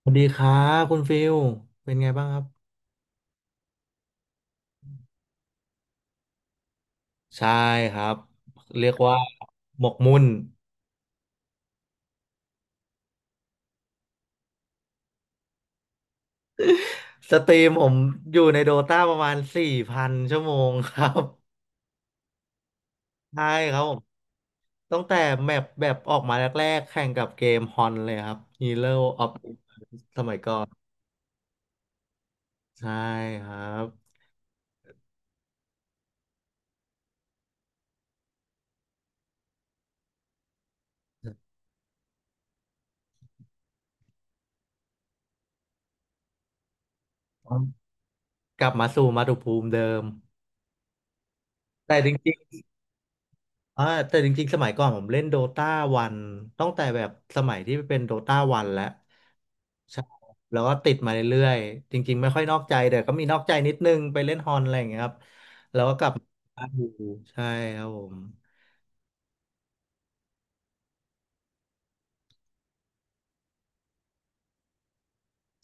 สวัสดีครับคุณฟิลเป็นไงบ้างครับใช่ครับเรียกว่าหมกมุ่นสตรีมผมอยู่ในโดตาประมาณ4,000 ชั่วโมงครับใช่ครับผมตั้งแต่แมปแบบออกมาแรกๆแข่งกับเกมฮอนเลยครับ Hero of Iron สมัยก่อนใช่ครับกลับมาสู่มาตุภูมิเดิมแต่จริง อ่าแต่จริงๆสมัยก่อนผมเล่นโดตาวันตั้งแต่แบบสมัยที่เป็นโดตาวันแล้วใช่แล้วก็ติดมาเรื่อยๆจริงๆไม่ค่อยนอกใจแต่ก็มีนอกใจนิดนึงไปเล่นฮอนอะไรอย่างเงี้ยครับอยู่ใช่ครับผม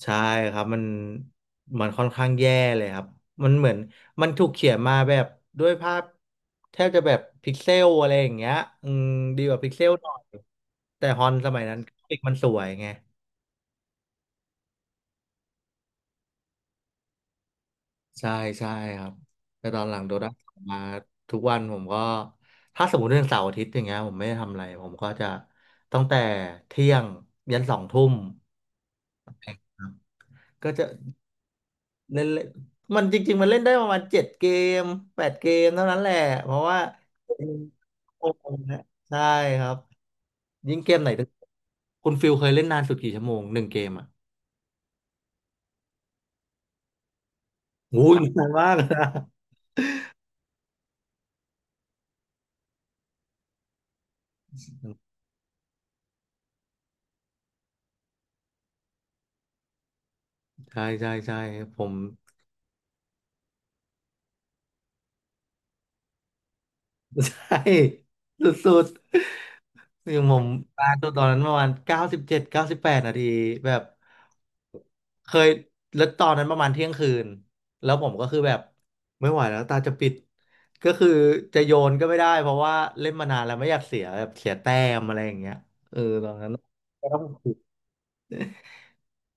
ใช่ครับมันค่อนข้างแย่เลยครับมันเหมือนมันถูกเขียนมาแบบด้วยภาพแทบจะแบบพิกเซลอะไรอย่างเงี้ยอืมดีกว่าพิกเซลหน่อยแต่ฮอนสมัยนั้นกราฟิกมันสวยไง ใช่ใช่ครับแต่ตอนหลังโดด้ามาทุกวันผมก็ถ้าสมมติเรื่องเสาร์อาทิตย์อย่างเงี้ยผมไม่ได้ทำอะไรผมก็จะตั้งแต่เที่ยงยันสองทุ่มครับก็จะเล่นเล่นมันจริงๆมันเล่นได้ประมาณ7 เกม8 เกมเท่านั้นแหละเพราะว่าโอ้โหนะใช่ครับยิ่งเกมไหนตึกคุณฟิลเคยเล่นนานสุดกี่ชั่วโมงหนึ่งเกมอ่ะโอ้ยนานมากนะใช่ใช่ใช่ผม ใช่สุดๆคือผมปาตัวตอนนั้นประมาณ9798 นาทีแบบเคยแล้วตอนนั้นประมาณเที่ยงคืนแล้วผมก็คือแบบไม่ไหวแล้วตาจะปิดก็คือจะโยนก็ไม่ได้เพราะว่าเล่นมานานแล้วไม่อยากเสียแบบเสียแต้มอะไรอย่างเงี้ยเออตอนนั้นก็ต้อง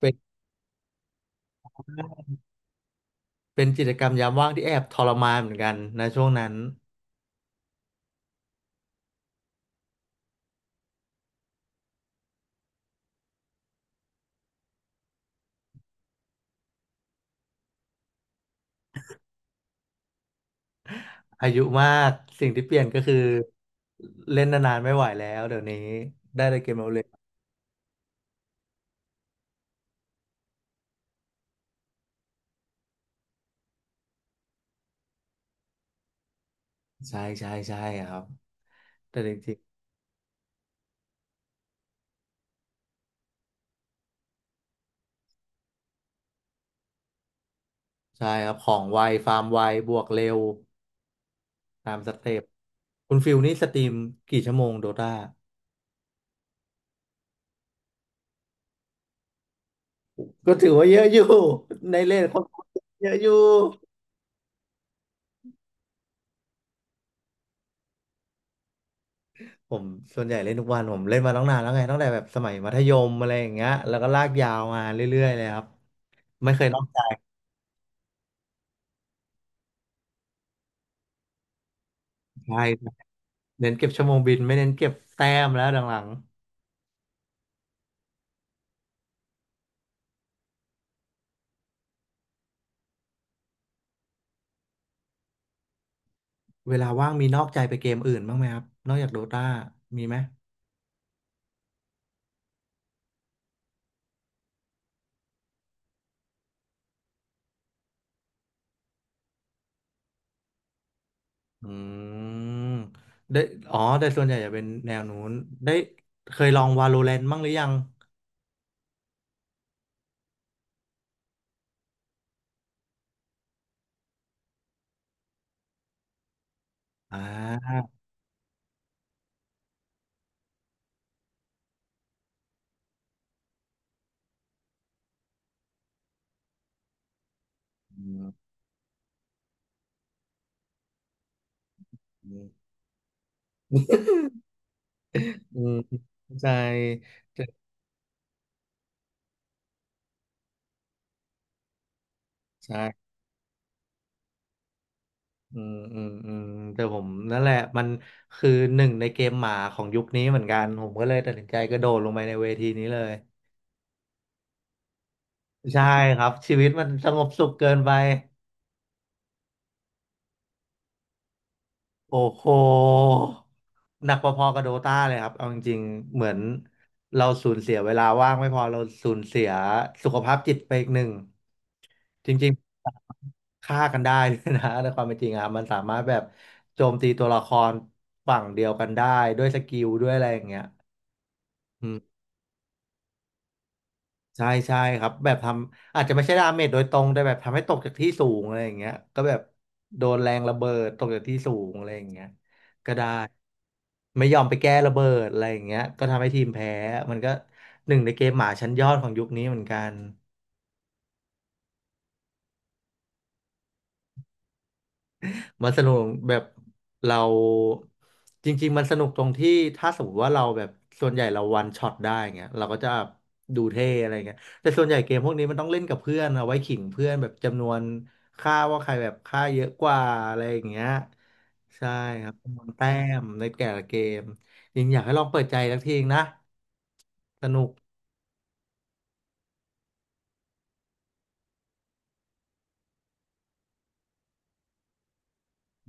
เป็นเป็นกิจกรรมยามว่างที่แอบทรมานเหมือนกันนะช่วงนั้นอายุมากสิ่งที่เปลี่ยนก็คือเล่นนานๆไม่ไหวแล้วเดี๋ยวนี้ได้แต่เกมเอา ใช่ใช่ใช่ครับแต่จริงๆใช่ครับของไวฟาร์มไวบวกเร็วตามสเต็ปคุณฟิลนี่สตรีมกี่ชั่วโมงโดตาก็ถือว่าเยอะอยู่ในเล่นคนเยอะอยู่ผมส่วนใหญ่เล่นทุกวันผมเล่นมาตั้งนานแล้วไงตั้งแต่แบบสมัยมัธยมอะไรอย่างเงี้ยแล้วก็ลากยาวมาเรื่อยๆเลยครับไม่เคยนอกใจใช่ครับเน้นเก็บชั่วโมงบินไม่เน้นเก็บแต้มแล้วหลังๆเวลาว่างมีนอกใจไปเกมอื่นบ้างไหมครับนอกจากโดตามีไหม อืมได้อ๋อแต่ส่วนใหญ่จะเป็นแนวนู้นได้เคยลอง Valorant บ้างหรือยังอ่าอืมอืมอืมเข้าใจแต่ใช่อืมอืมอืมแต่ผมนั่นแหละมันคือหนึ่งในเกมหมาของยุคนี้เหมือนกันผมก็เลยตัดสินใจกระโดดลงไปในเวทีนี้เลยใช่ครับชีวิตมันสงบสุขเกินไป โอ้โหหนักพอๆกับโดตาเลยครับเอาจริงๆเหมือนเราสูญเสียเวลาว่างไม่พอเราสูญเสียสุขภาพจิตไปอีกหนึ่ง จริงๆฆ่ากันได้เลยนะ ในความเป็นจริงอะครับมันสามารถแบบโจมตีตัวละครฝั่งเดียวกันได้ด้วยสกิลด้วยอะไรอย่างเงี้ย ใช่ใช่ครับแบบทำอาจจะไม่ใช่ดาเมจโดยตรงแต่แบบทำให้ตกจากที่สูงอะไรอย่างเงี้ยก็แบบโดนแรงระเบิดตกจากที่สูงอะไรอย่างเงี้ยก็ได้ไม่ยอมไปแก้ระเบิดอะไรอย่างเงี้ยก็ทำให้ทีมแพ้มันก็หนึ่งในเกมหมาชั้นยอดของยุคนี้เหมือนกัน มันสนุกแบบเราจริงๆมันสนุกตรงที่ถ้าสมมติว่าเราแบบส่วนใหญ่เราวันช็อตได้เงี้ยเราก็จะดูเท่อะไรเงี้ยแต่ส่วนใหญ่เกมพวกนี้มันต้องเล่นกับเพื่อนเอาไว้ขิงเพื่อนแบบจำนวนค่าว่าใครแบบค่าเยอะกว่าอะไรอย่างเงี้ยใช่ครับจำนวนแต้มในแต่ละเกมยิงอยากให้ลองเปิดใจสักทีนะสนุก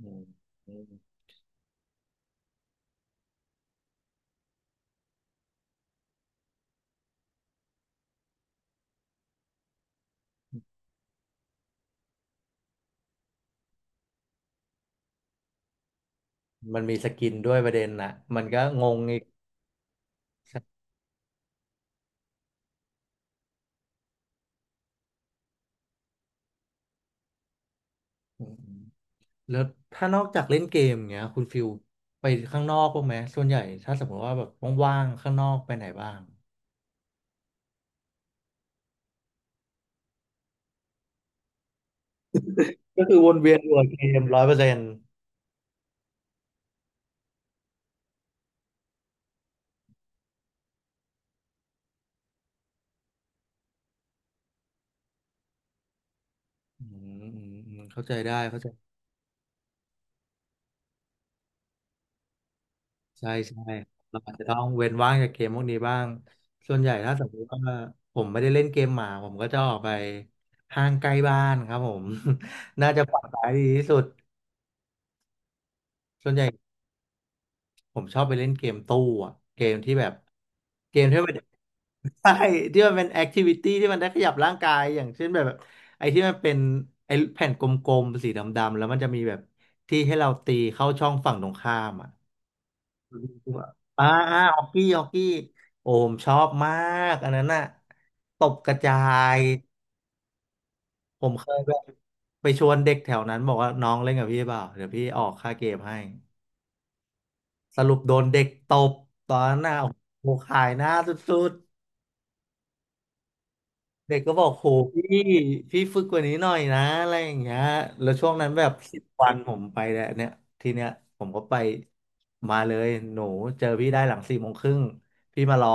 อืมมันมีสกินด้วยประเด็นนะมันก็งงอีก แล้วถ้านอกจากเล่นเกมอย่างเงี้ยคุณฟิลไปข้างนอกบ้างไหมส่วนใหญ่ถ้าสมมติว่าแบบว่างๆข้างนอกไปไหนบ้างก็คือวนเวียนอยู่กับเกม100%อืมอืมอืมเข้าใจได้เข้าใจใช่ใช่เราอาจจะต้องเว้นว่างจากเกมพวกนี้บ้างส่วนใหญ่ถ้าสมมติว่าผมไม่ได้เล่นเกมหมาผมก็จะออกไปห้างใกล้บ้านครับผม น่าจะปลอดภัยดีที่สุดส่วนใหญ่ ผมชอบไปเล่นเกมตู้อะเกมที่แบบเกมที่มัน ใช่ที่มันเป็นแอคทิวิตี้ที่มันได้ขยับร่างกายอย่างเช่นแบบไอ้ที่มันเป็นไอ้แผ่นกลมๆสีดำๆแล้วมันจะมีแบบที่ให้เราตีเข้าช่องฝั่งตรงข้ามอ่ะอ่าอ่าฮอกกี้ฮอกกี้โอผมชอบมากอันนั้นน่ะตบกระจายผมเคยแบบไปชวนเด็กแถวนั้นบอกว่าน้องเล่นกับพี่เปล่าเดี๋ยวพี่ออกค่าเกมให้ สรุปโดนเด็กตบตอนนั้นน่ะโอ้โหขายหน้าสุดๆ เด็กก็บอกโหพี่พี่ฝึกกว่านี้หน่อยนะอะไรอย่างเงี้ยแล้วช่วงนั้นแบบ10 วันผมไปแล้วเนี่ยทีเนี้ยผมก็ไปมาเลยหนูเจอพี่ได้หลัง4 โมงครึ่งพี่มารอ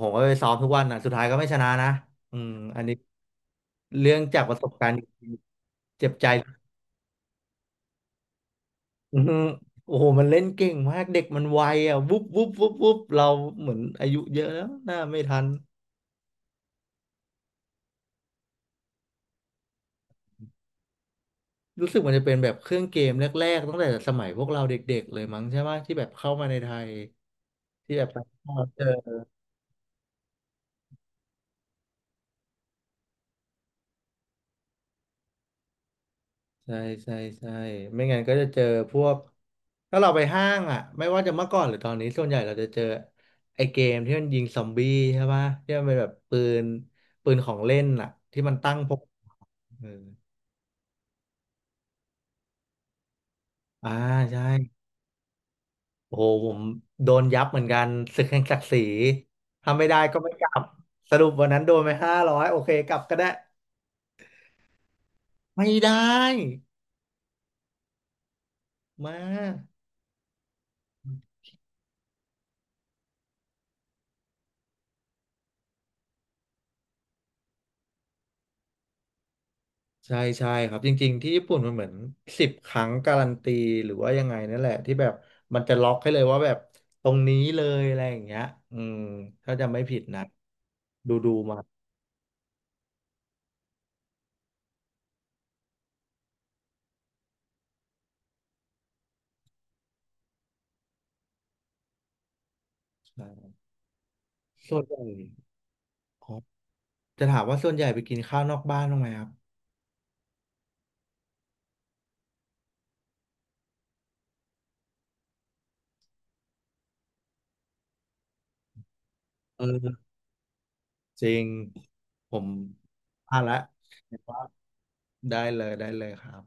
ผมก็ไปซ้อมทุกวันนะสุดท้ายก็ไม่ชนะนะอืมอันนี้เรื่องจากประสบการณ์จริงๆเจ็บใจอือฮึโอ้โหมันเล่นเก่งมากเด็กมันไวอ่ะวุบวุบวุบวุบเราเหมือนอายุเยอะแล้วหน้าไม่ทัน รู้สึกมันจะเป็นแบบเครื่องเกมแรกๆตั้งแต่สมัยพวกเราเด็กๆเลยมั้งใช่ไหมที่แบบเข้ามาในไทยที่แบบเราเจอใช่ใช่ใช่ไม่งั้นก็จะเจอพวกถ้าเราไปห้างอ่ะไม่ว่าจะเมื่อก่อนหรือตอนนี้ส่วนใหญ่เราจะเจอไอ้เกมที่มันยิงซอมบี้ใช่ปะที่มันเป็นแบบนปืนของเล่นอ่ะที่มันตั้งพกเอออ่าใช่โอ้โหผมโดนยับเหมือนกันศึกแห่งศักดิ์ศรีถ้าไม่ได้ก็ไม่กลับสรุปวันนั้นโดนไป500โอเคกลับก็ได้ ไม่ได้มากใช่ใช่ครับจริงๆที่ญี่ปุ่นมันเหมือน10 ครั้งการันตีหรือว่ายังไงนั่นแหละที่แบบมันจะล็อกให้เลยว่าแบบตรงนี้เลยอะไรอย่างเงี้ยอืมถ้าจะไม่ผิดนะดูมาใช่ส่วนใหญ่ครับจะถามว่าส่วนใหญ่ไปกินข้าวนอกบ้านบ้างไหมครับเออจริงผมพลาดละได้เลยได้เลยครับ